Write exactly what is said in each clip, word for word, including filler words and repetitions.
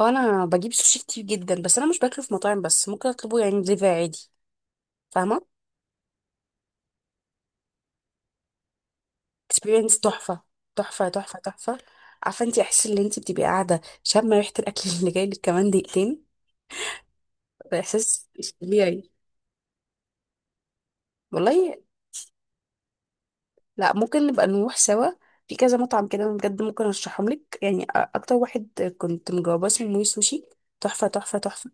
هو انا بجيب سوشي كتير جدا، بس انا مش باكله في مطاعم، بس ممكن اطلبه يعني دليفري عادي. فاهمه. اكسبيرينس تحفه. تحفه تحفه تحفه. عارفه انت، احس ان انت بتبقي قاعده شامه ريحه الاكل اللي جاي لك كمان دقيقتين. ده احساس مش طبيعي. والله. لا ممكن نبقى نروح سوا. في كذا مطعم كده أنا بجد ممكن ارشحهم لك، يعني أ- اكتر واحد كنت مجرباه اسمه موي سوشي. تحفه تحفه تحفه.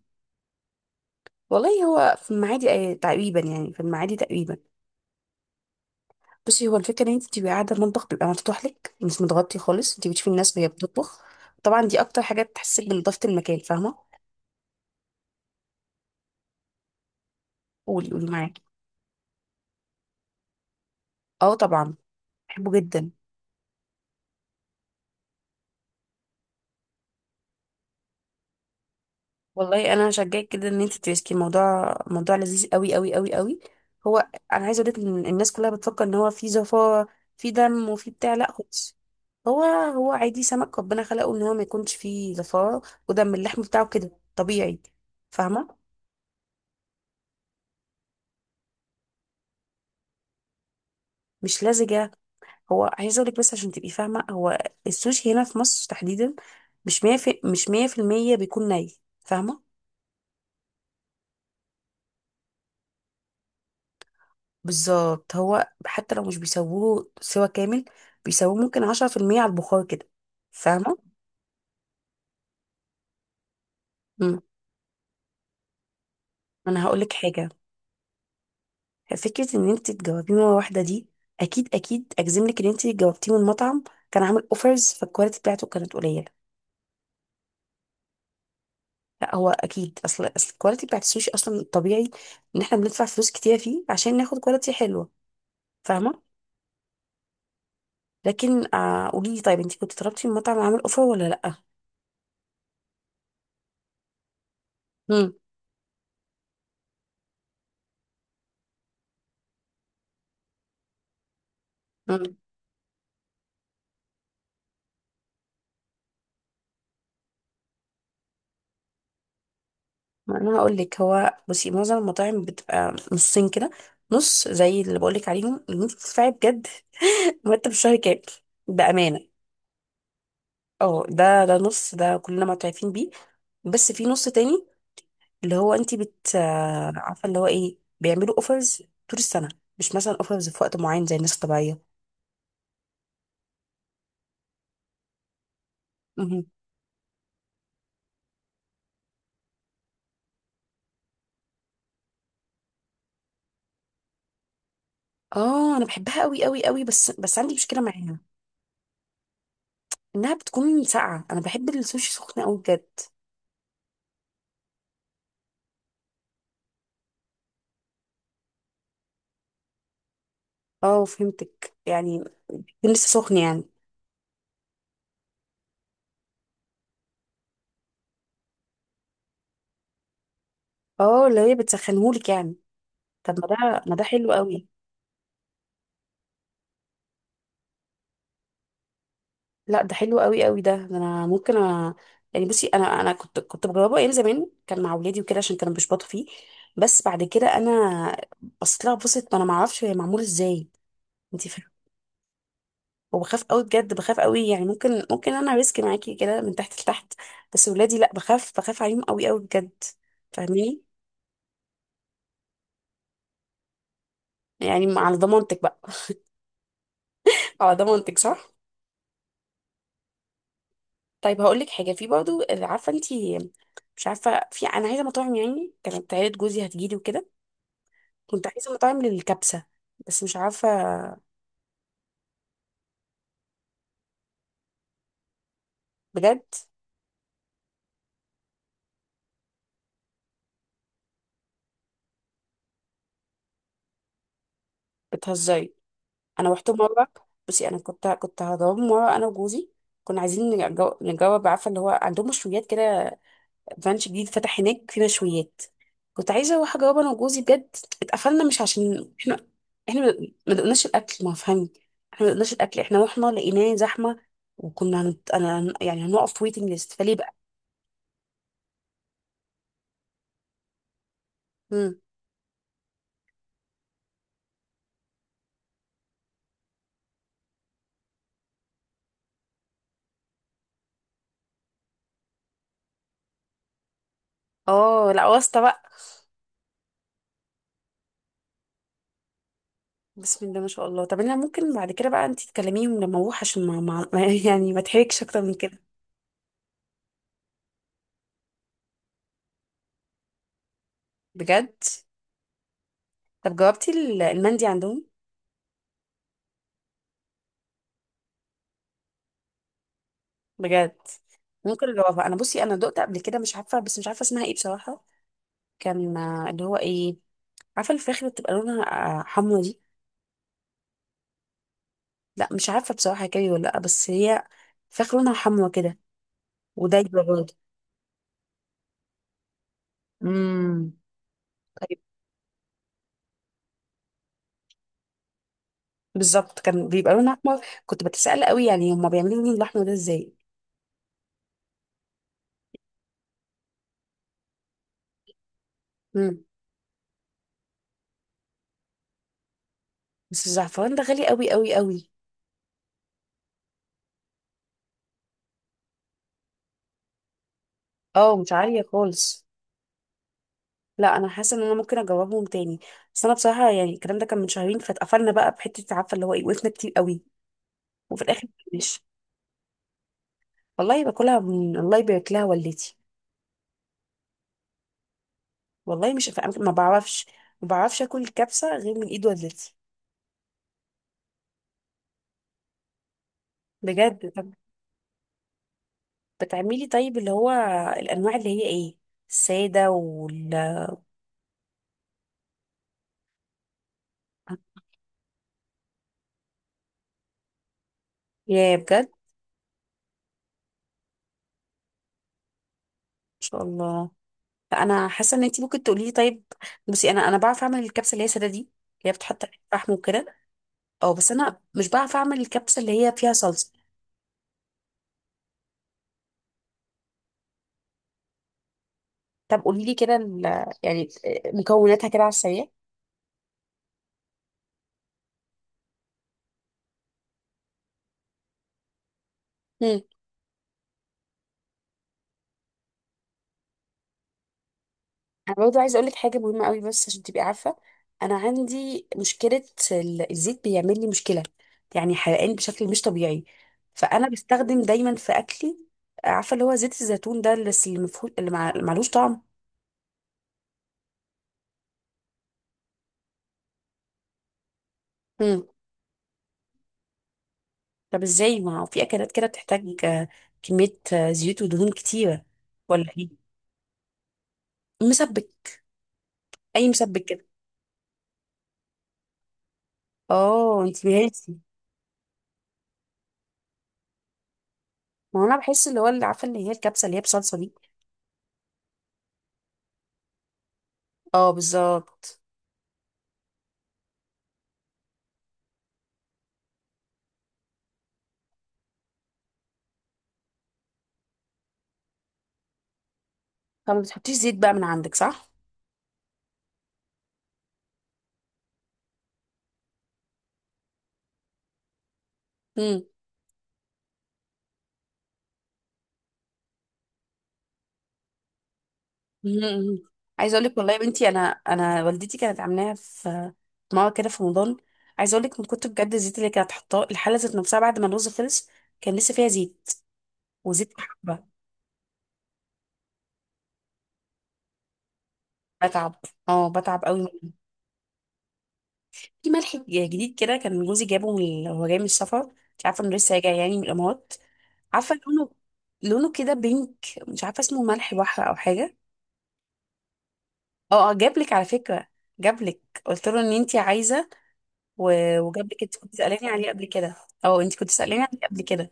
والله هو في المعادي آه، تقريبا، يعني في المعادي تقريبا. بصي، هو الفكره ان انت بتبقي قاعده، المطبخ بيبقى مفتوح لك، مش متغطي خالص، انت بتشوفي الناس وهي بتطبخ. طبعا دي اكتر حاجه بتحسسك بنضافه المكان. فاهمه. قولي قولي معاكي. اه طبعا، بحبه جدا. والله انا هشجعك كده ان انت تريسكي، الموضوع موضوع لذيذ قوي قوي قوي قوي. هو، انا عايزه اقول لك ان الناس كلها بتفكر ان هو في زفاره، في دم وفي بتاع، لا خالص. هو هو عادي، سمك ربنا خلقه ان هو ما يكونش فيه زفاره ودم، اللحم بتاعه كده طبيعي. فاهمه. مش لزجه. هو عايزه اقول لك بس عشان تبقي فاهمه، هو السوشي هنا في مصر تحديدا مش مية في مش مية في المية بيكون ني. فاهمه. بالظبط. هو حتى لو مش بيسووه سوا كامل، بيسووه ممكن عشرة في المية على البخار كده. فاهمه. امم. انا هقول لك حاجه. فكره ان انت تجاوبيه مره واحده دي، اكيد اكيد اجزم لك ان انت جاوبتيه من مطعم كان عامل اوفرز، فالكواليتي بتاعته كانت قليله. لا، هو اكيد اصل اصل الكواليتي بتاعت السوشي اصلا طبيعي، ان احنا بندفع فلوس كتير فيه عشان ناخد كواليتي حلوه. فاهمه. لكن آه قولي لي، طيب انت كنت طلبتي من مطعم عامل اوفر ولا لا؟ امم. انا هقول لك، هو بصي، معظم المطاعم بتبقى نصين كده. نص زي اللي بقول لك عليهم اللي انت بتدفعي بجد، مرتب الشهر كام، بامانه. اه، ده ده نص، ده كلنا معترفين بيه. بس في نص تاني، اللي هو انت بت آه، عارفه اللي هو ايه، بيعملوا اوفرز طول السنه، مش مثلا اوفرز في وقت معين زي الناس الطبيعيه. مهم. اه انا بحبها قوي قوي قوي، بس بس عندي مشكله معاها، انها بتكون ساقعه، انا بحب السوشي سخن قوي بجد. اه فهمتك، يعني يكون لسه سخن يعني. اه اللي هي بتسخنهولك يعني. طب ما ده ما ده حلو قوي. لا ده حلو قوي قوي، ده ده انا ممكن أ... يعني بصي، انا انا كنت كنت بجربه ايام زمان كان مع اولادي وكده عشان كانوا بيشبطوا فيه، بس بعد كده انا بصيت لها بصت، ما انا ما اعرفش هي معمول ازاي، انت فاهمه. وبخاف قوي بجد، بخاف قوي، يعني ممكن ممكن انا ريسك معاكي كده من تحت لتحت، بس اولادي لا، بخاف بخاف عليهم قوي قوي بجد. فاهميني. يعني م- على ضمانتك بقى، على ضمانتك صح. طيب هقول لك حاجه في برضو، آه، عارفه انت، مش عارفه في، انا عايزه مطاعم، يعني كانت عيله جوزي هتجيلي وكده، كنت عايزه مطاعم للكبسه، بس مش عارفه. بجد. بتهزري. انا رحت مره. بصي، انا كنت كنت هضرب مره انا وجوزي، كنا عايزين نجو- نجرب، عارفه اللي هو عندهم مشويات كده، رانش جديد فتح هناك فيه مشويات، كنت عايزه اروح اجربه انا وجوزي بجد. اتقفلنا مش عشان احنا، احنا ما ما دقناش الاكل، ما فهمي. احنا ما دقناش الاكل، احنا رحنا لقيناه زحمه، وكنا هنت... انا هن- يعني هنقف ويتنج ليست فليه بقى. امم. اه لا، واسطه بقى. بسم الله ما شاء الله. طب انا ممكن بعد كده بقى انت تكلميهم لما اروح عشان ما... ما... ما- يعني ما اتحركش اكتر من كده. بجد. طب جاوبتي ال- المندي عندهم؟ بجد. ممكن اجاوبها انا، بصي انا دقت قبل كده، مش عارفه بس، مش عارفه اسمها ايه بصراحه. كان آه، اللي هو ايه، عارفه الفراخ اللي بتبقى لونها، آه، حمرا دي. لا مش عارفه بصراحه كاري ولا لا، بس هي فراخ لونها حمرا كده، ودايبه برضه. امم. طيب. بالظبط كان بيبقى لون احمر. كنت بتسأل قوي يعني هما بيعملوا لون الاحمر ده ازاي. امم. بس الزعفران ده غالي قوي قوي قوي. اه مش عالية خالص. لا انا حاسه ان انا ممكن اجربهم تاني، بس انا بصراحه يعني الكلام ده كان من شهرين، فاتقفلنا بقى بحته، عارفه اللي هو ايه وقفنا كتير قوي، وفي الاخر، مش. والله باكلها من الله يبارك لها والدتي. والله مش فا- ما بعرفش، ما بعرفش اكل الكبسه غير من ايد والدتي. بجد. طب بتعملي طيب اللي هو الانواع اللي هي ايه؟ الساده وال، يا بجد ما شاء الله. انا حاسه ان انت ممكن تقولي لي. طيب، بصي، انا انا بعرف اعمل الكبسه اللي هي ساده دي، اللي هي بتحط عليها فحم وكده. اه، بس انا مش بعرف اعمل الكبسه اللي هي فيها صلصه. طب قولي لي كده ال- يعني، آه، مكوناتها كده على السريع. انا برضو عايزه اقول لك حاجه مهمه قوي بس عشان تبقي عارفه. انا عندي مشكله، ال- الزيت بيعمل لي مشكله، يعني حرقان بشكل مش طبيعي، فانا بستخدم دايما في اكلي، عارفه اللي هو زيت الزيتون ده، اللي س- المفهول، اللي مع- اللي معلوش طعم. مم. طب ازاي؟ ما هو في اكلات كده بتحتاج آه، كميه آه، زيوت ودهون كتيره. ولا ايه؟ مسبك، اي مسبك كده. اه انتي بهيلثي. ما هو انا بحس اللي هو اللي، عارفه اللي هي الكبسه اللي هي بصلصه دي. اه بالظبط. طب ما بتحطيش زيت بقى من عندك صح؟ مم. م- م. عايزه اقول لك والله يا بنتي، انا انا والدتي كانت عاملاها في، في ماما كده في رمضان، عايزه اقول لك من كنت بجد، الزيت اللي كانت حطاه الحله ذات نفسها بعد ما الرز خلص كان لسه فيها زيت، وزيت حبه. بتعب، اه بتعب قوي منه. في ملح جديد كده كان جوزي جابه من، هو جاي من السفر، انت عارفه انه لسه راجع يعني من الامارات. عارفه لونه، لونه كده بينك، مش عارفه اسمه ملح بحر او حاجه. اه اه، جابلك على فكره، جابلك، قلت له ان انت عايزه، و- وجاب لك، انت كنت سألاني عليه قبل كده. اه، انت كنت سألاني عليه قبل كده.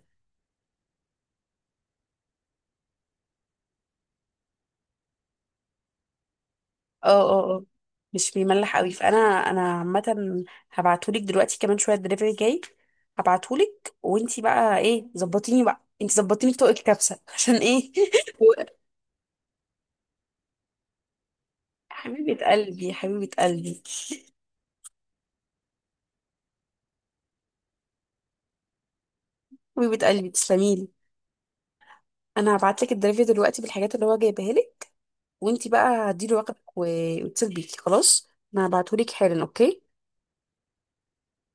اه اه. اه مش بيملح قوي، فانا انا عامة. هبعتهولك دلوقتي كمان شوية، الدليفري جاي، هبعتهولك وانت بقى ايه، ظبطيني بقى، انت ظبطيني في طوق الكبسة عشان ايه و- حبيبة قلبي حبيبة قلبي. حبيبة قلبي تسلميلي. انا هبعتلك الدليفري دلوقتي بالحاجات اللي هو جايبها لك، وانت بقى هديله رقمك و- واتصل بيكي خلاص. انا هبعتهولك حالا اوكي.